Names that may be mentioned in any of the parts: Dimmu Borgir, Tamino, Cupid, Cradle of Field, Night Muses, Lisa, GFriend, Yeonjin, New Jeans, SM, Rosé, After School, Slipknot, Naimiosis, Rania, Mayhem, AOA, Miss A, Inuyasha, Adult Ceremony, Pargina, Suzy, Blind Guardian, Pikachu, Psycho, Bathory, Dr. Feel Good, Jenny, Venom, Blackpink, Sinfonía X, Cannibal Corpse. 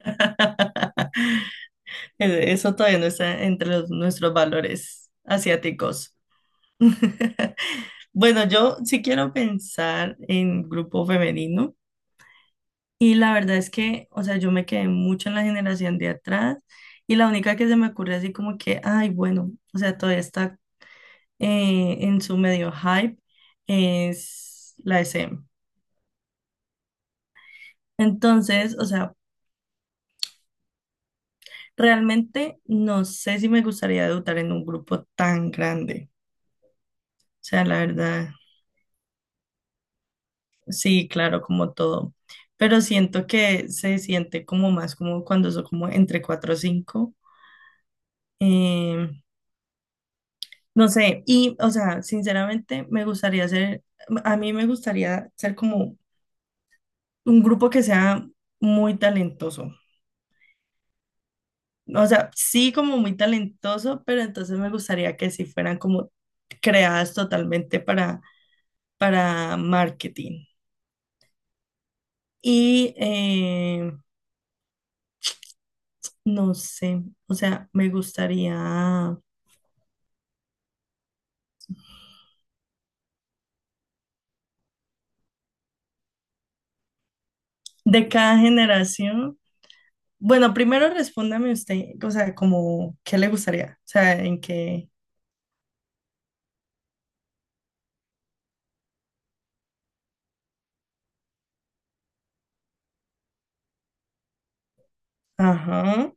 Eso todavía no está entre nuestros valores asiáticos. Bueno, yo sí quiero pensar en grupo femenino y la verdad es que, o sea, yo me quedé mucho en la generación de atrás y la única que se me ocurre así como que, ay, bueno, o sea, todavía está en su medio hype es la SM. Entonces, o sea, realmente no sé si me gustaría debutar en un grupo tan grande. O sea, la verdad. Sí, claro, como todo. Pero siento que se siente como más como cuando son como entre 4 o 5 eh, no sé, y o sea, sinceramente a mí me gustaría ser como un grupo que sea muy talentoso. O sea, sí como muy talentoso, pero entonces me gustaría que sí fueran como creadas totalmente para marketing. Y no sé, o sea, me gustaría. De cada generación. Bueno, primero respóndame usted, o sea, como, ¿qué le gustaría? O sea, en qué. Ajá,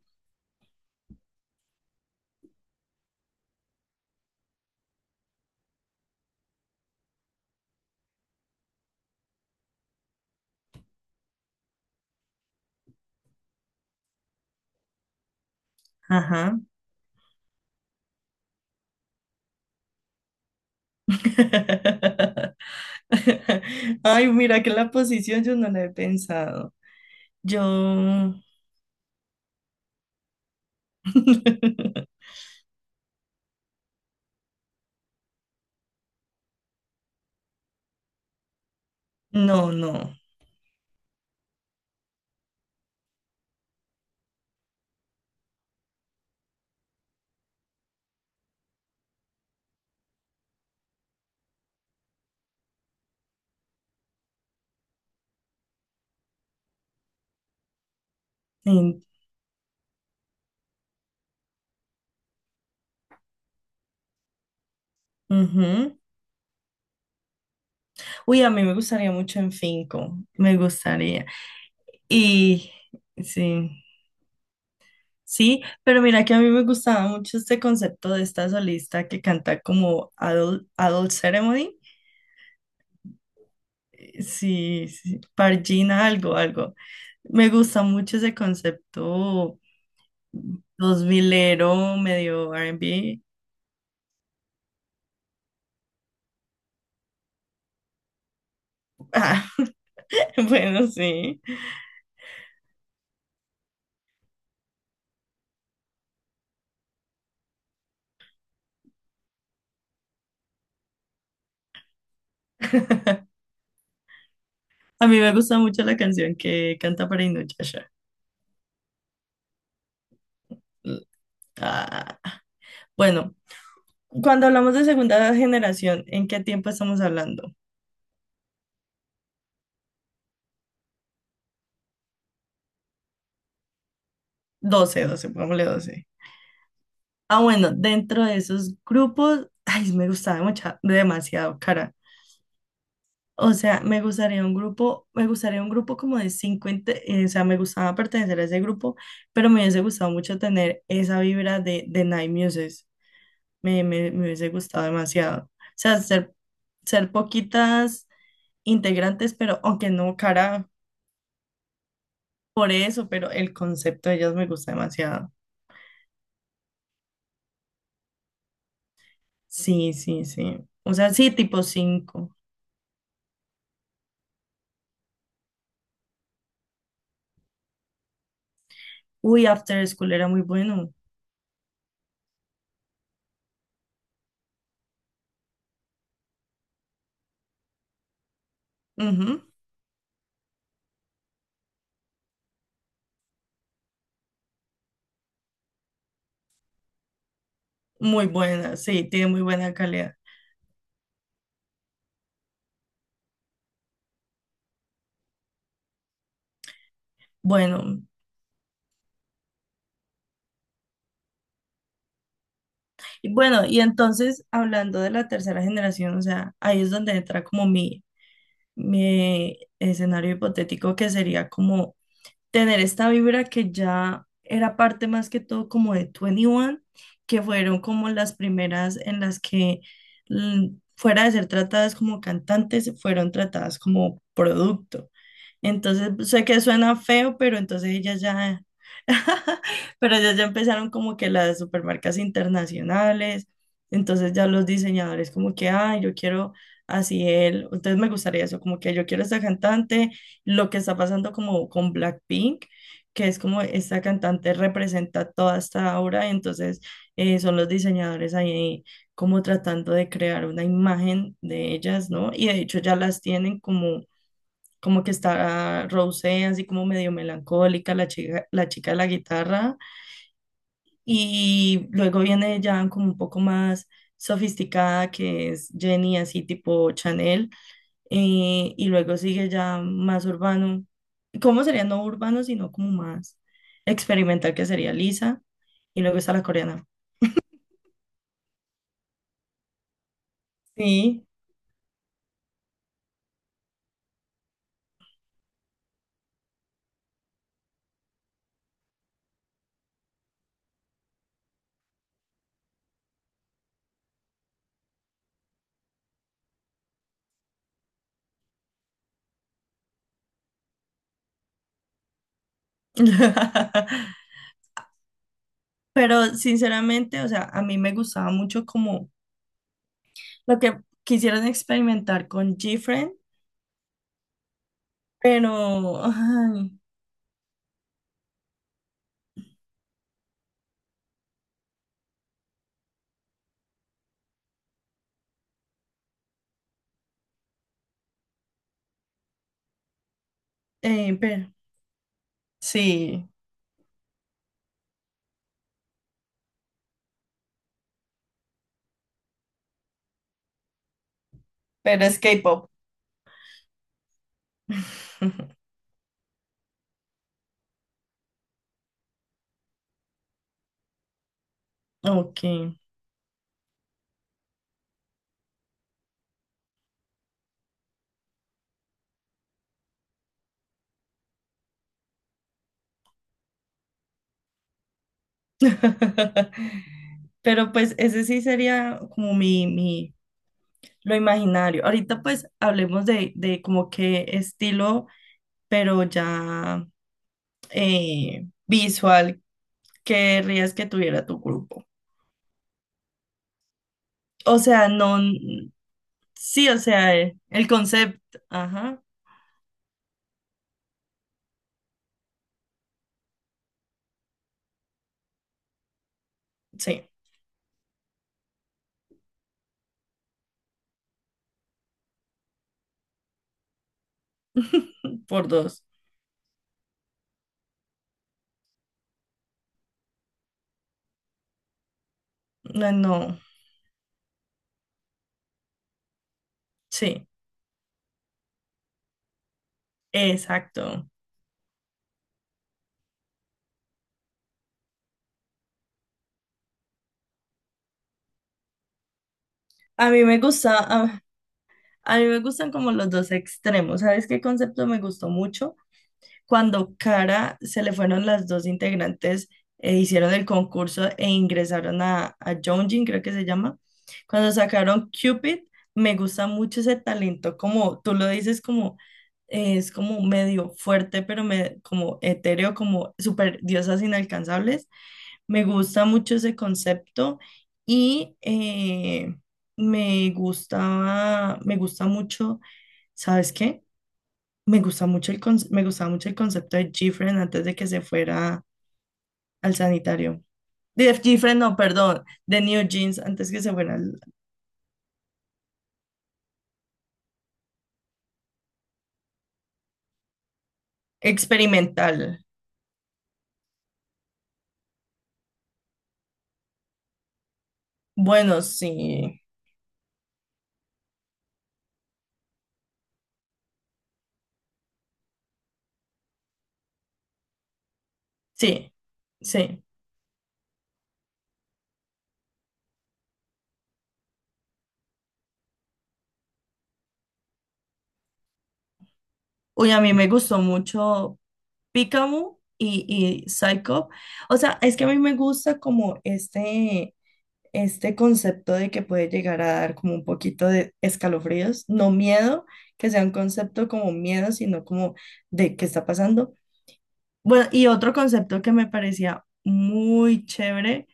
ajá. Ay, mira, que la posición yo no la he pensado. Yo. No, no. En- ujú. Uy, a mí me gustaría mucho en Finco, me gustaría. Y sí. Sí, pero mira que a mí me gustaba mucho este concepto de esta solista que canta como Adult Ceremony. Sí, sí, Pargina algo, algo. Me gusta mucho ese concepto dos milero, medio R&B. Ah, bueno, sí. A mí me gusta mucho la canción que canta para Inuyasha. Ah, bueno, cuando hablamos de segunda generación, ¿en qué tiempo estamos hablando? 12, 12, pongámosle 12. Ah, bueno, dentro de esos grupos, ay, me gustaba demasiado, cara. O sea, me gustaría un grupo como de 50, o sea, me gustaba pertenecer a ese grupo, pero me hubiese gustado mucho tener esa vibra de Night Muses. Me hubiese gustado demasiado. O sea, ser poquitas integrantes, pero aunque no, cara, por eso, pero el concepto de ellas me gusta demasiado. Sí, sí, sí. O sea, sí, tipo 5. Uy, After School era muy bueno. Ujú. Muy buena, sí, tiene muy buena calidad. Bueno, bueno, y entonces hablando de la tercera generación, o sea, ahí es donde entra como mi escenario hipotético que sería como tener esta vibra que ya era parte más que todo como de 21, que fueron como las primeras en las que mm, fuera de ser tratadas como cantantes, fueron tratadas como producto. Entonces, pues, sé que suena feo, pero entonces ellas ya, pero ellas ya empezaron como que las supermarcas internacionales, entonces ya los diseñadores como que, ah, yo quiero así él, entonces me gustaría eso, como que yo quiero esta cantante lo que está pasando como con Blackpink, que es como esta cantante representa toda esta obra, y entonces son los diseñadores ahí como tratando de crear una imagen de ellas, ¿no? Y de hecho ya las tienen como que está Rosé, así como medio melancólica, la chica de la guitarra, y luego viene ya como un poco más sofisticada, que es Jenny, así tipo Chanel. Y luego sigue ya más urbano. ¿Cómo sería no urbano, sino como más experimental, que sería Lisa? Y luego está la coreana. Sí. Pero sinceramente, o sea, a mí me gustaba mucho como lo que quisieron experimentar con GFriend, pero, ay, pero. Sí, pero es K-pop. Ok. Pero pues ese sí sería como lo imaginario. Ahorita pues hablemos de como qué estilo, pero ya visual, querrías que tuviera tu grupo. O sea, no, sí, o sea, el concepto, ajá, sí, por dos. No, no, sí, exacto. A mí me gusta, a mí me gustan como los dos extremos. ¿Sabes qué concepto me gustó mucho? Cuando Cara se le fueron las dos integrantes, hicieron el concurso e ingresaron a Yeonjin, creo que se llama. Cuando sacaron Cupid, me gusta mucho ese talento, como tú lo dices, como es como medio fuerte, pero me, como etéreo, como super diosas inalcanzables. Me gusta mucho ese concepto y me gusta mucho, ¿sabes qué? Me gusta mucho me gustaba mucho el concepto de Gifren antes de que se fuera al sanitario. De Gifren, no, perdón, de New Jeans antes que se fuera al experimental. Bueno, sí, sí, sí. Uy, a mí me gustó mucho Pikachu y Psycho. O sea, es que a mí me gusta como este concepto de que puede llegar a dar como un poquito de escalofríos, no miedo, que sea un concepto como miedo, sino como de qué está pasando. Bueno, y otro concepto que me parecía muy chévere,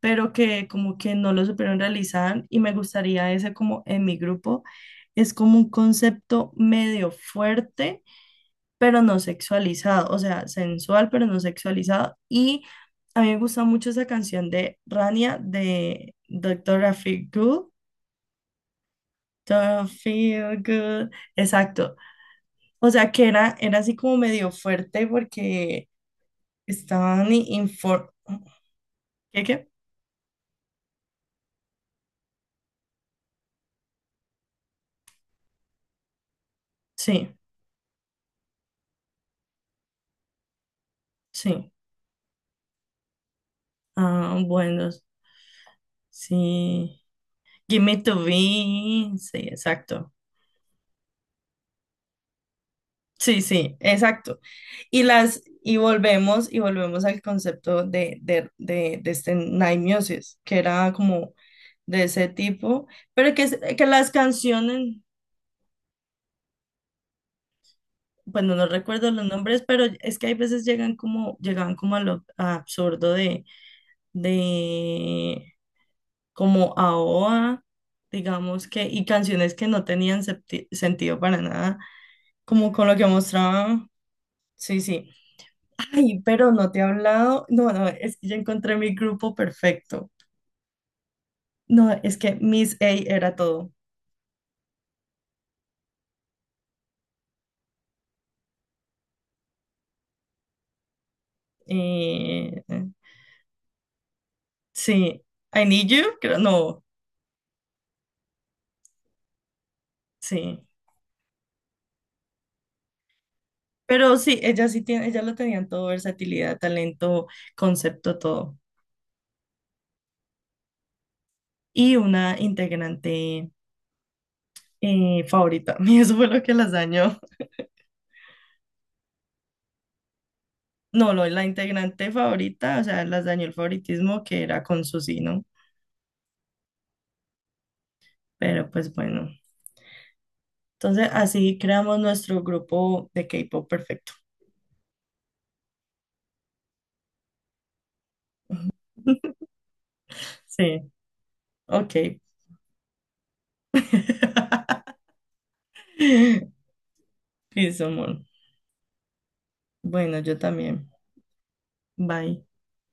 pero que como que no lo supieron realizar y me gustaría ese como en mi grupo, es como un concepto medio fuerte, pero no sexualizado, o sea, sensual, pero no sexualizado. Y a mí me gusta mucho esa canción de Rania de Dr. Feel Good. Don't feel good. Exacto. O sea, que era así como medio fuerte porque estaban infor. ¿Qué, qué? Sí, sí. Ah, bueno, sí. Give me to be. Sí, exacto. Sí, sí, exacto. Y volvemos al concepto de este Naimiosis, que era como de ese tipo, pero que, que las canciones, bueno, no recuerdo los nombres, pero es que hay veces llegan como a lo absurdo de como AOA, digamos que, y canciones que no tenían sentido para nada, como con lo que mostraba. Sí, sí. Ay, pero no te he hablado. No, no, es que ya encontré mi grupo perfecto. No, es que Miss A era todo. Eh, sí, I Need You, creo, no, sí. Pero sí, ella sí tiene, ella lo tenían todo, versatilidad, talento, concepto, todo. Y una integrante favorita. Y eso fue lo que las dañó. No, la integrante favorita, o sea, las dañó el favoritismo que era con Suzy, ¿no? Pero pues bueno. Entonces, así creamos nuestro grupo de K-pop perfecto. Sí, ok. Listo, amor. Bueno, yo también. Bye.